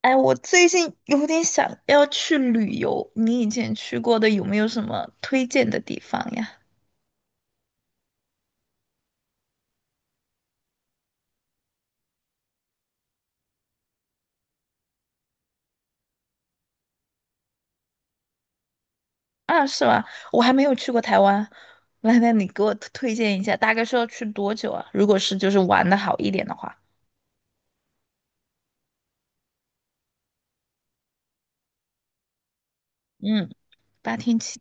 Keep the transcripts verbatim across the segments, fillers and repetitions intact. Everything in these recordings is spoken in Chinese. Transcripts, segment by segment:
哎，我最近有点想要去旅游，你以前去过的有没有什么推荐的地方呀？啊，是吧？我还没有去过台湾，来，来，你给我推推荐一下，大概是要去多久啊？如果是就是玩的好一点的话，嗯，八天七，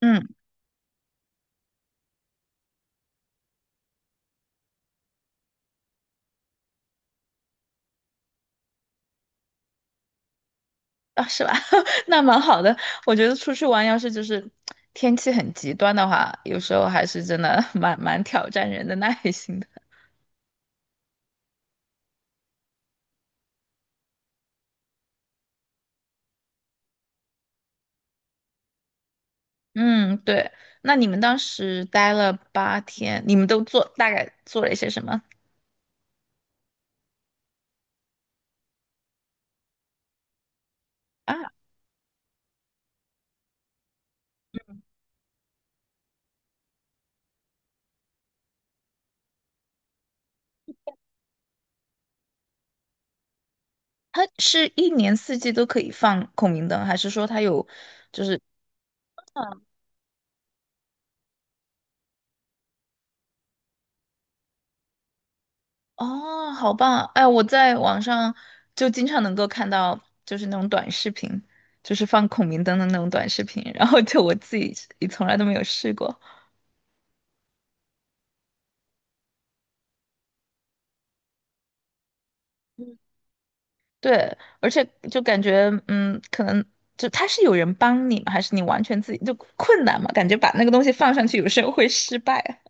嗯，啊，是吧？那蛮好的，我觉得出去玩要是就是天气很极端的话，有时候还是真的 蛮蛮挑战人的耐心的。嗯，对。那你们当时待了八天，你们都做大概做了一些什么啊？它是一年四季都可以放孔明灯，还是说它有？嗯哦，好棒！哎，我在网上就经常能够看到，就是那种短视频，就是放孔明灯的那种短视频，然后就我自己也从来都没有试过。对，而且就感觉，嗯，可能就他是有人帮你吗？还是你完全自己就困难嘛？感觉把那个东西放上去，有时候会失败。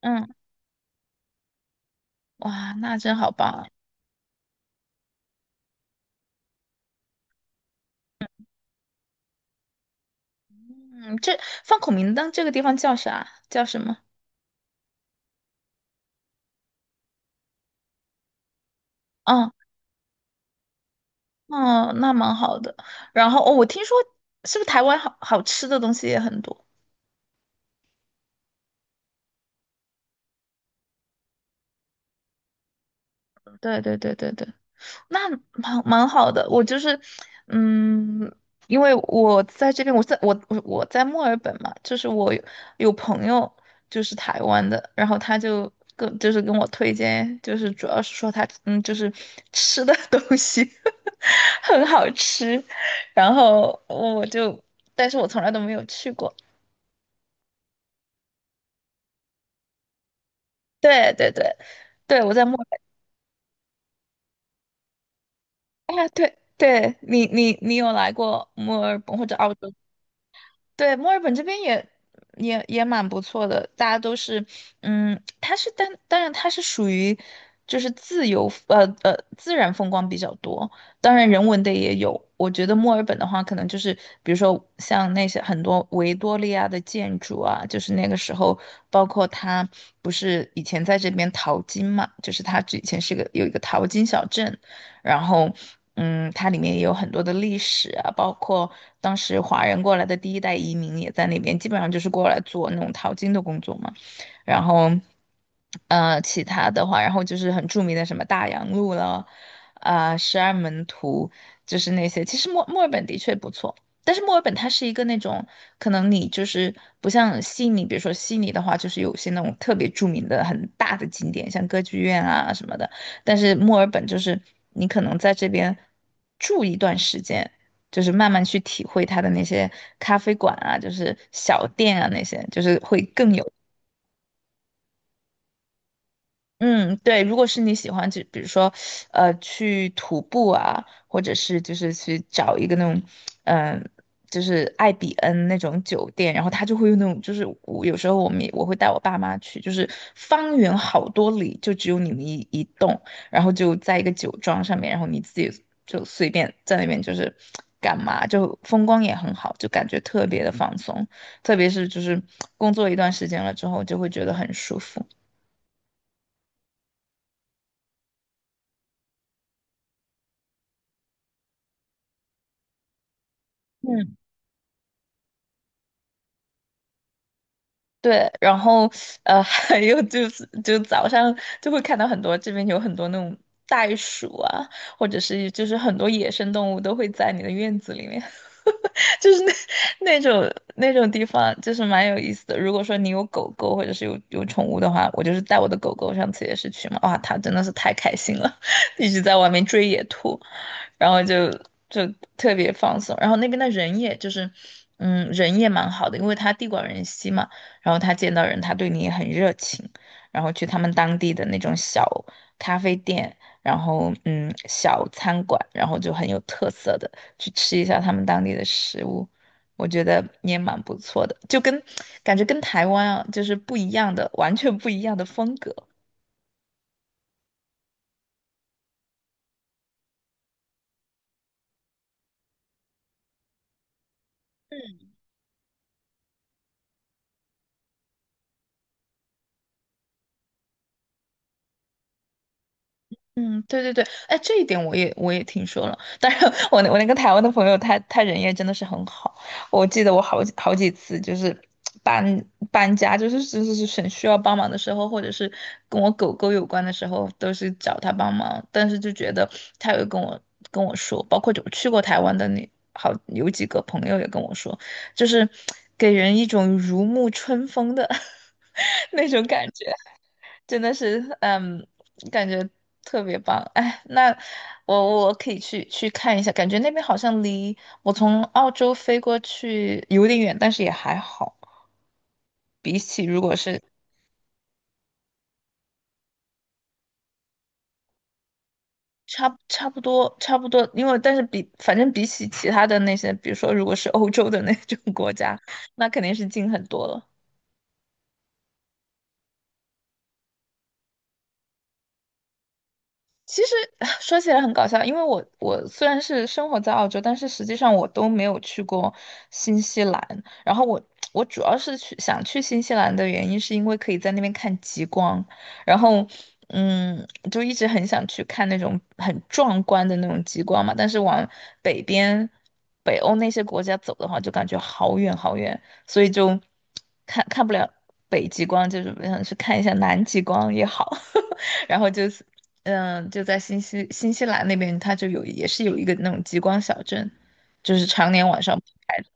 嗯，哇，那真好棒。嗯，这放孔明灯这个地方叫啥？叫什么？嗯嗯，那蛮好的。然后哦，我听说是不是台湾好好吃的东西也很多？对对对对对。那蛮蛮好的，我就是，嗯，因为我在这边，我在我我我在墨尔本嘛，就是我有有朋友就是台湾的，然后他就跟就是跟我推荐，就是主要是说他嗯就是吃的 东西 很好吃，然后我就，但是我从来都没有去过，对对对，对我在墨尔本，啊对对，你你你有来过墨尔本或者澳洲？对，墨尔本这边也也也蛮不错的，大家都是，嗯，它是当当然它是属于就是自由呃呃自然风光比较多，当然人文的也有。我觉得墨尔本的话，可能就是比如说像那些很多维多利亚的建筑啊，就是那个时候，包括它不是以前在这边淘金嘛，就是它之前是个有一个淘金小镇，然后，嗯，它里面也有很多的历史啊，包括当时华人过来的第一代移民也在那边，基本上就是过来做那种淘金的工作嘛。然后，呃，其他的话，然后就是很著名的什么大洋路了，啊、十二门徒，就是那些。其实墨墨尔本的确不错。但是墨尔本它是一个那种，可能你就是不像悉尼，比如说悉尼的话，就是有些那种特别著名的很大的景点，像歌剧院啊什么的。但是墨尔本就是你可能在这边住一段时间，就是慢慢去体会它的那些咖啡馆啊，就是小店啊那些，就是会更有嗯，对，如果是你喜欢，就比如说，呃，去徒步啊，或者是就是去找一个那种，嗯、就是艾比恩那种酒店，然后他就会用那种，就是我有时候我们也我会带我爸妈去，就是方圆好多里就只有你们一一栋，然后就在一个酒庄上面，然后你自己就随便在那边就是干嘛，就风光也很好，就感觉特别的放松，特别是就是工作一段时间了之后，就会觉得很舒服。嗯。对，然后呃，还有就是就早上就会看到很多这边有很多那种袋鼠啊，或者是就是很多野生动物都会在你的院子里面。就是那那种那种地方，就是蛮有意思的。如果说你有狗狗或者是有有宠物的话，我就是带我的狗狗，上次也是去嘛，哇，它真的是太开心了，一直在外面追野兔，然后就就特别放松。然后那边的人也就是，嗯，人也蛮好的，因为他地广人稀嘛，然后他见到人他对你也很热情，然后去他们当地的那种小咖啡店。然后嗯，小餐馆，然后就很有特色的。去吃一下他们当地的食物，我觉得也蛮不错的，就跟感觉跟台湾啊，就是不一样的，完全不一样的风格。嗯，对对对，哎，这一点我也我也听说了。但是 我那我那个台湾的朋友他，他人也真的是很好。我记得我好几好几次就是搬搬家，就是就是是很需要帮忙的时候，或者是跟我狗狗有关的时候，都是找他帮忙。但是就觉得他有跟我跟我说，包括我去过台湾的那好有几个朋友也跟我说，就是给人一种如沐春风的 那种感觉。真的是，嗯，感觉特别棒。哎，那我我可以去去看一下，感觉那边好像离我从澳洲飞过去有点远，但是也还好。比起如果是差差不多差不多，因为但是比反正比起其他的那些，比如说如果是欧洲的那种国家，那肯定是近很多了。其实 说起来很搞笑，因为我我虽然是生活在澳洲，但是实际上我都没有去过新西兰。然后我我主要是去想去新西兰的原因，是因为可以在那边看极光，然后嗯，就一直很想去看那种很壮观的那种极光嘛。但是往北边北欧那些国家走的话，就感觉好远好远，所以就看看不了北极光，就是想去看一下南极光也好。然后就是，嗯，就在新西新西兰那边，它就有也是有一个那种极光小镇，就是常年晚上不开的。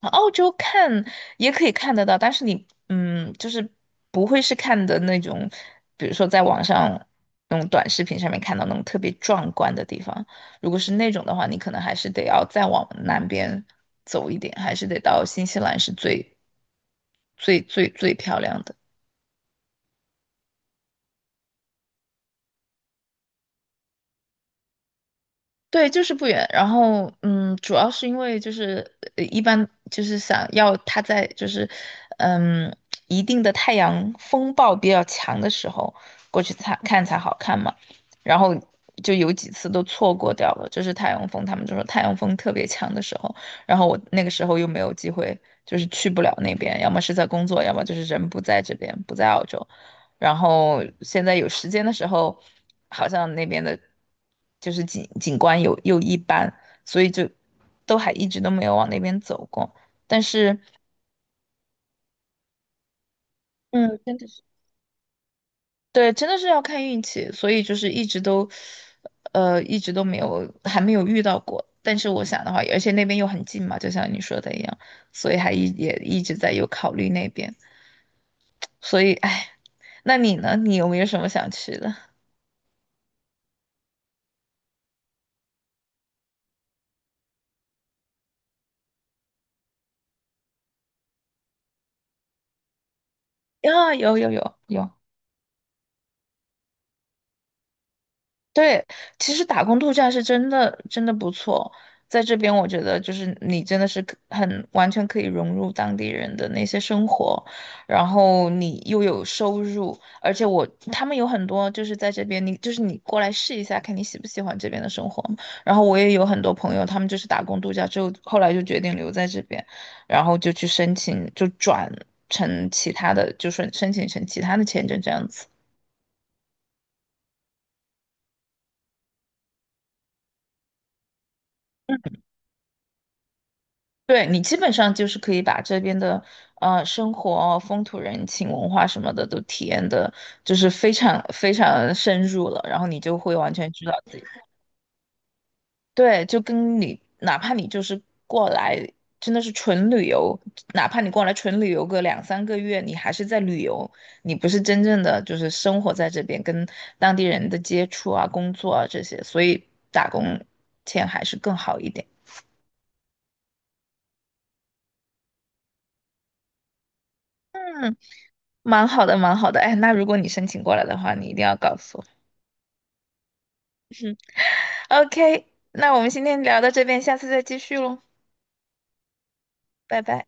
澳洲看也可以看得到，但是你嗯，就是不会是看的那种，比如说在网上那种短视频上面看到那种特别壮观的地方。如果是那种的话，你可能还是得要再往南边走一点，还是得到新西兰是最最最最漂亮的。对，就是不远。然后，嗯，主要是因为就是呃一般就是想要他在就是，嗯，一定的太阳风暴比较强的时候过去才看才好看嘛。然后就有几次都错过掉了，就是太阳风，他们就说太阳风特别强的时候，然后我那个时候又没有机会，就是去不了那边，要么是在工作，要么就是人不在这边，不在澳洲，然后现在有时间的时候，好像那边的，就是景景观有又一般，所以就都还一直都没有往那边走过。但是，嗯，真的是，对，真的是要看运气，所以就是一直都，呃，一直都没有还没有遇到过。但是我想的话，而且那边又很近嘛，就像你说的一样，所以还一也一直在有考虑那边。所以，哎，那你呢？你有没有什么想去的？啊，有有有有。对，其实打工度假是真的真的不错，在这边我觉得就是你真的是可很完全可以融入当地人的那些生活，然后你又有收入，而且我他们有很多就是在这边，你就是你过来试一下，看你喜不喜欢这边的生活。然后我也有很多朋友，他们就是打工度假之后，后来就决定留在这边，然后就去申请，就转成其他的，就是申请成其他的签证这样子。对你基本上就是可以把这边的呃生活啊、风土人情、文化什么的都体验的，就是非常非常深入了，然后你就会完全知道自己。对，就跟你哪怕你就是过来真的是纯旅游，哪怕你过来纯旅游个两三个月，你还是在旅游，你不是真正的就是生活在这边，跟当地人的接触啊、工作啊这些，所以打工钱还是更好一点。蛮好的，蛮好的。哎，那如果你申请过来的话，你一定要告诉我。OK，那我们今天聊到这边，下次再继续喽，拜拜。